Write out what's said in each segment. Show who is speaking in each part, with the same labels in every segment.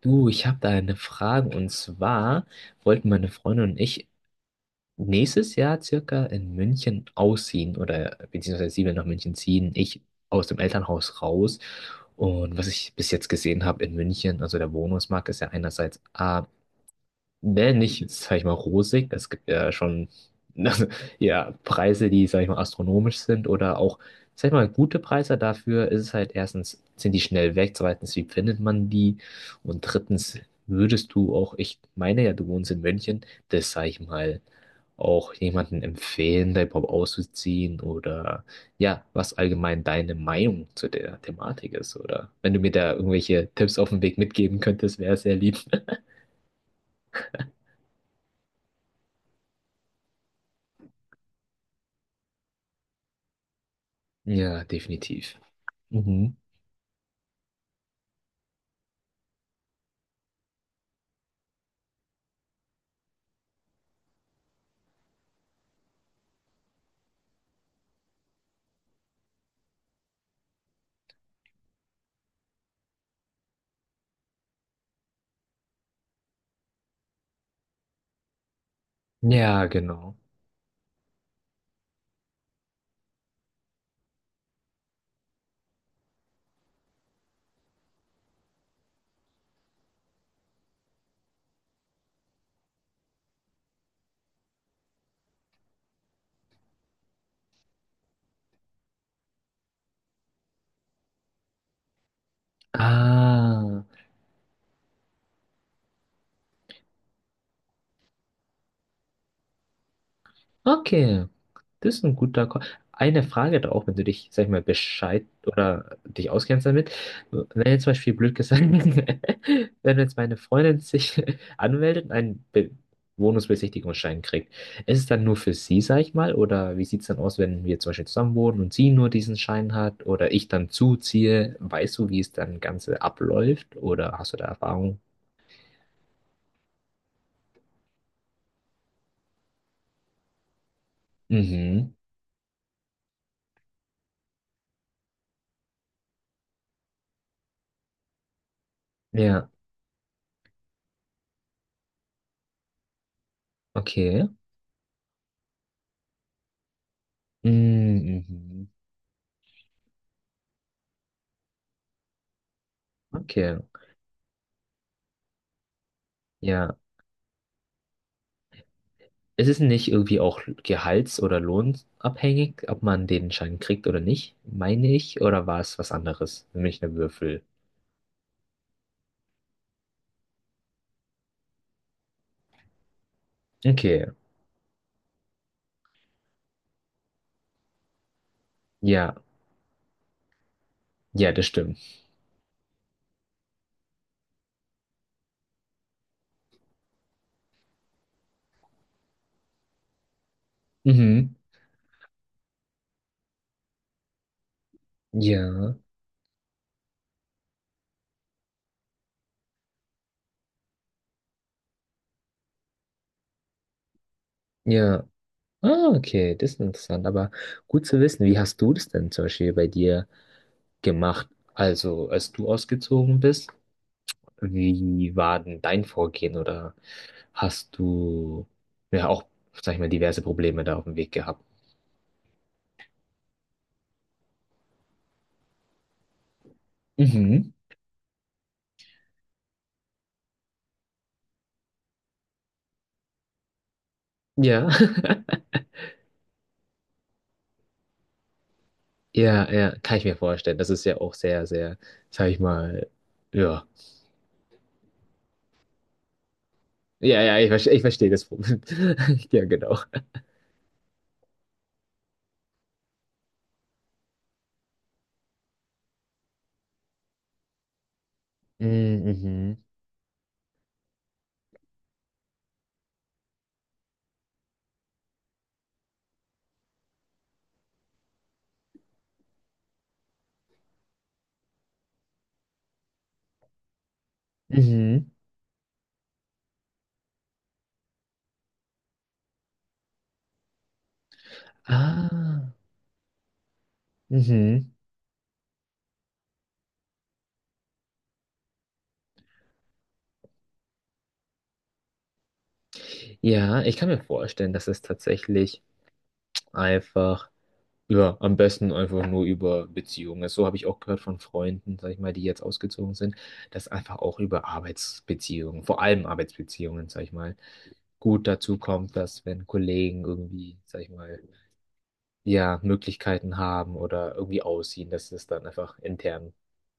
Speaker 1: Du, ich habe da eine Frage und zwar wollten meine Freundin und ich nächstes Jahr circa in München ausziehen oder beziehungsweise sie will nach München ziehen, ich aus dem Elternhaus raus. Und was ich bis jetzt gesehen habe in München, also der Wohnungsmarkt ist ja einerseits ne, nicht, sag ich mal, rosig. Es gibt ja schon ja, Preise, die, sag ich mal, astronomisch sind oder auch, sag ich mal, gute Preise. Dafür ist es halt erstens, sind die schnell weg, zweitens, wie findet man die? Und drittens, würdest du auch, ich meine ja, du wohnst in München, das, sag ich mal, auch jemanden empfehlen, da überhaupt auszuziehen oder ja, was allgemein deine Meinung zu der Thematik ist oder wenn du mir da irgendwelche Tipps auf den Weg mitgeben könntest, wäre es sehr lieb. Ja, definitiv. Mhm. Ja, genau. Ah, okay. Das ist ein guter Call. Eine Frage da auch, wenn du dich, sag ich mal, Bescheid oder dich auskennst damit. Wenn jetzt zum Beispiel blöd gesagt, wenn jetzt meine Freundin sich anmeldet und einen Be Wohnungsbesichtigungsschein kriegt, ist es dann nur für sie, sag ich mal, oder wie sieht es dann aus, wenn wir zum Beispiel zusammen wohnen und sie nur diesen Schein hat oder ich dann zuziehe? Weißt du, wie es dann Ganze abläuft oder hast du da Erfahrung? Mhm. Ja, okay. Mm, mhm. Okay, ja. Ist es nicht irgendwie auch gehalts- oder lohnabhängig, ob man den Schein kriegt oder nicht, meine ich, oder war es was anderes? Nämlich eine Würfel. Okay, ja, ja, das stimmt. Mhm. Ja, ja. Ah, okay, das ist interessant, aber gut zu wissen. Wie hast du das denn zum Beispiel bei dir gemacht? Also, als du ausgezogen bist, wie war denn dein Vorgehen oder hast du ja auch, sag ich mal, diverse Probleme da auf dem Weg gehabt? Mhm. Ja, ja, ja, kann ich mir vorstellen. Das ist ja auch sehr, sehr, sag ich mal, ja. Ja, ja, ich verstehe das Problem. Ja, genau. Mm, mhm. Mhm. Ah, mhm. Ja, ich kann mir vorstellen, dass es tatsächlich einfach. Ja, am besten einfach nur über Beziehungen. So habe ich auch gehört von Freunden, sag ich mal, die jetzt ausgezogen sind, dass einfach auch über Arbeitsbeziehungen, vor allem Arbeitsbeziehungen, sag ich mal, gut dazu kommt, dass wenn Kollegen irgendwie, sag ich mal, ja, Möglichkeiten haben oder irgendwie ausziehen, dass es dann einfach intern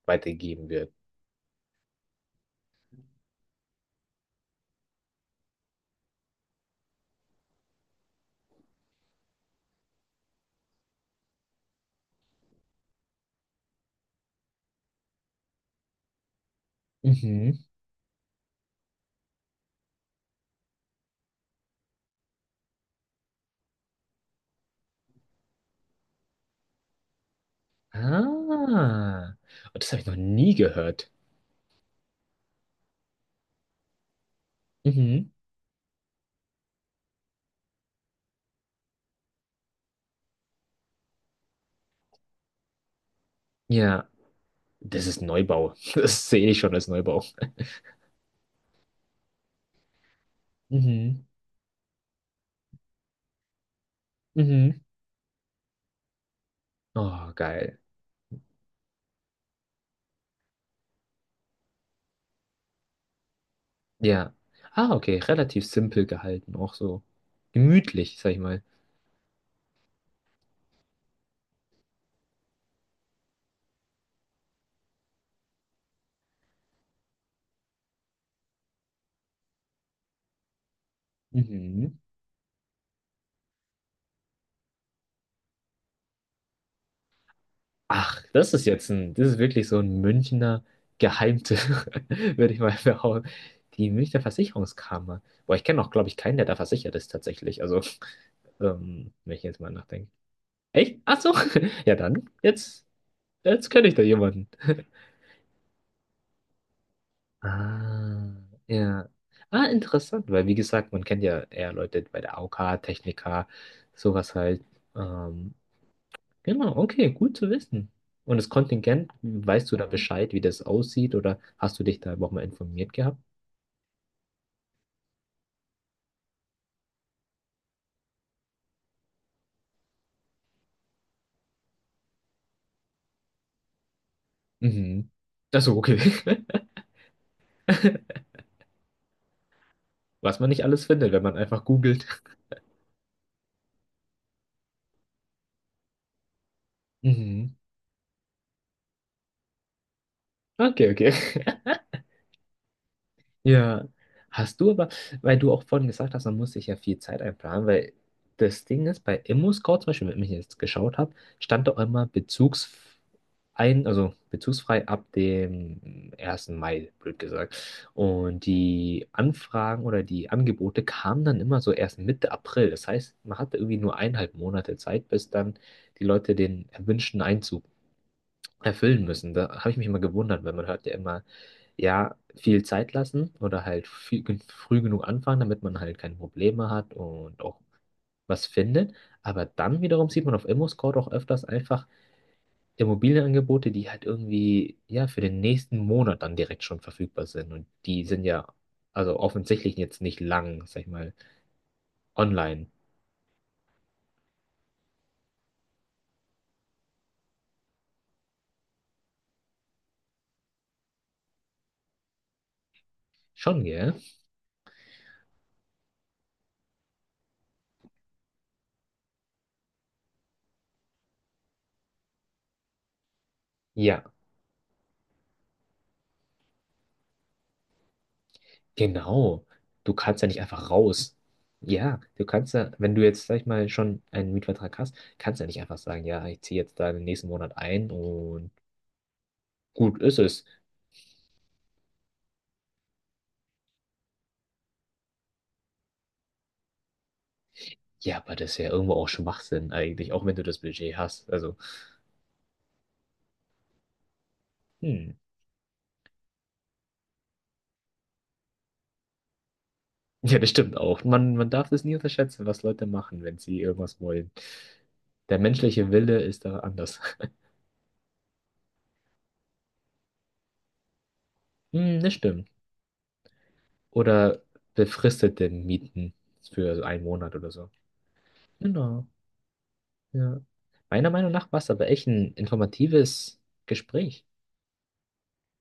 Speaker 1: weitergegeben wird. Mhm. Ah, und das habe ich noch nie gehört. Mhm. Ja, das ist Neubau. Das sehe ich schon als Neubau. Mhm. Mhm. Oh, geil. Ja. Ah, okay, relativ simpel gehalten, auch so gemütlich, sag ich mal. Mhm. Ach, das ist jetzt das ist wirklich so ein Münchner Geheimtipp, würde ich mal behaupten. Die Münchner Versicherungskammer. Boah, ich kenne auch, glaube ich, keinen, der da versichert ist tatsächlich. Also, wenn ich jetzt mal nachdenke. Echt? Ach so. Ja, dann, jetzt kenne ich da jemanden. Ah, ja. Ah, interessant, weil wie gesagt, man kennt ja eher Leute bei der AOK, Techniker, sowas halt. Ähm, genau, okay, gut zu wissen. Und das Kontingent, weißt du da Bescheid, wie das aussieht, oder hast du dich da überhaupt mal informiert gehabt? Mhm. Achso, okay. Was man nicht alles findet, wenn man einfach googelt. Mhm. Okay, okay. Ja, hast du aber, weil du auch vorhin gesagt hast, man muss sich ja viel Zeit einplanen, weil das Ding ist, bei ImmoScout zum Beispiel, wenn ich jetzt geschaut habe, stand doch immer bezugs ein, also bezugsfrei ab dem 1. Mai, blöd gesagt. Und die Anfragen oder die Angebote kamen dann immer so erst Mitte April. Das heißt, man hatte irgendwie nur eineinhalb Monate Zeit, bis dann die Leute den erwünschten Einzug erfüllen müssen. Da habe ich mich immer gewundert, weil man hört ja immer, ja, viel Zeit lassen oder halt viel, früh genug anfangen, damit man halt keine Probleme hat und auch was findet. Aber dann wiederum sieht man auf ImmoScout auch öfters einfach Immobilienangebote, die halt irgendwie, ja, für den nächsten Monat dann direkt schon verfügbar sind. Und die sind ja, also offensichtlich jetzt nicht lang, sag ich mal, online. Schon, gell? Ja. Genau. Du kannst ja nicht einfach raus. Ja, du kannst ja, wenn du jetzt, sag ich mal, schon einen Mietvertrag hast, kannst du ja nicht einfach sagen, ja, ich ziehe jetzt da den nächsten Monat ein und gut ist es. Ja, aber das ist ja irgendwo auch Schwachsinn eigentlich, auch wenn du das Budget hast. Also, hm. Ja, das stimmt auch. Man darf das nie unterschätzen, was Leute machen, wenn sie irgendwas wollen. Der menschliche Wille ist da anders. Hm, das stimmt. Oder befristete Mieten für einen Monat oder so. Genau. Ja. Meiner Meinung nach war es aber echt ein informatives Gespräch.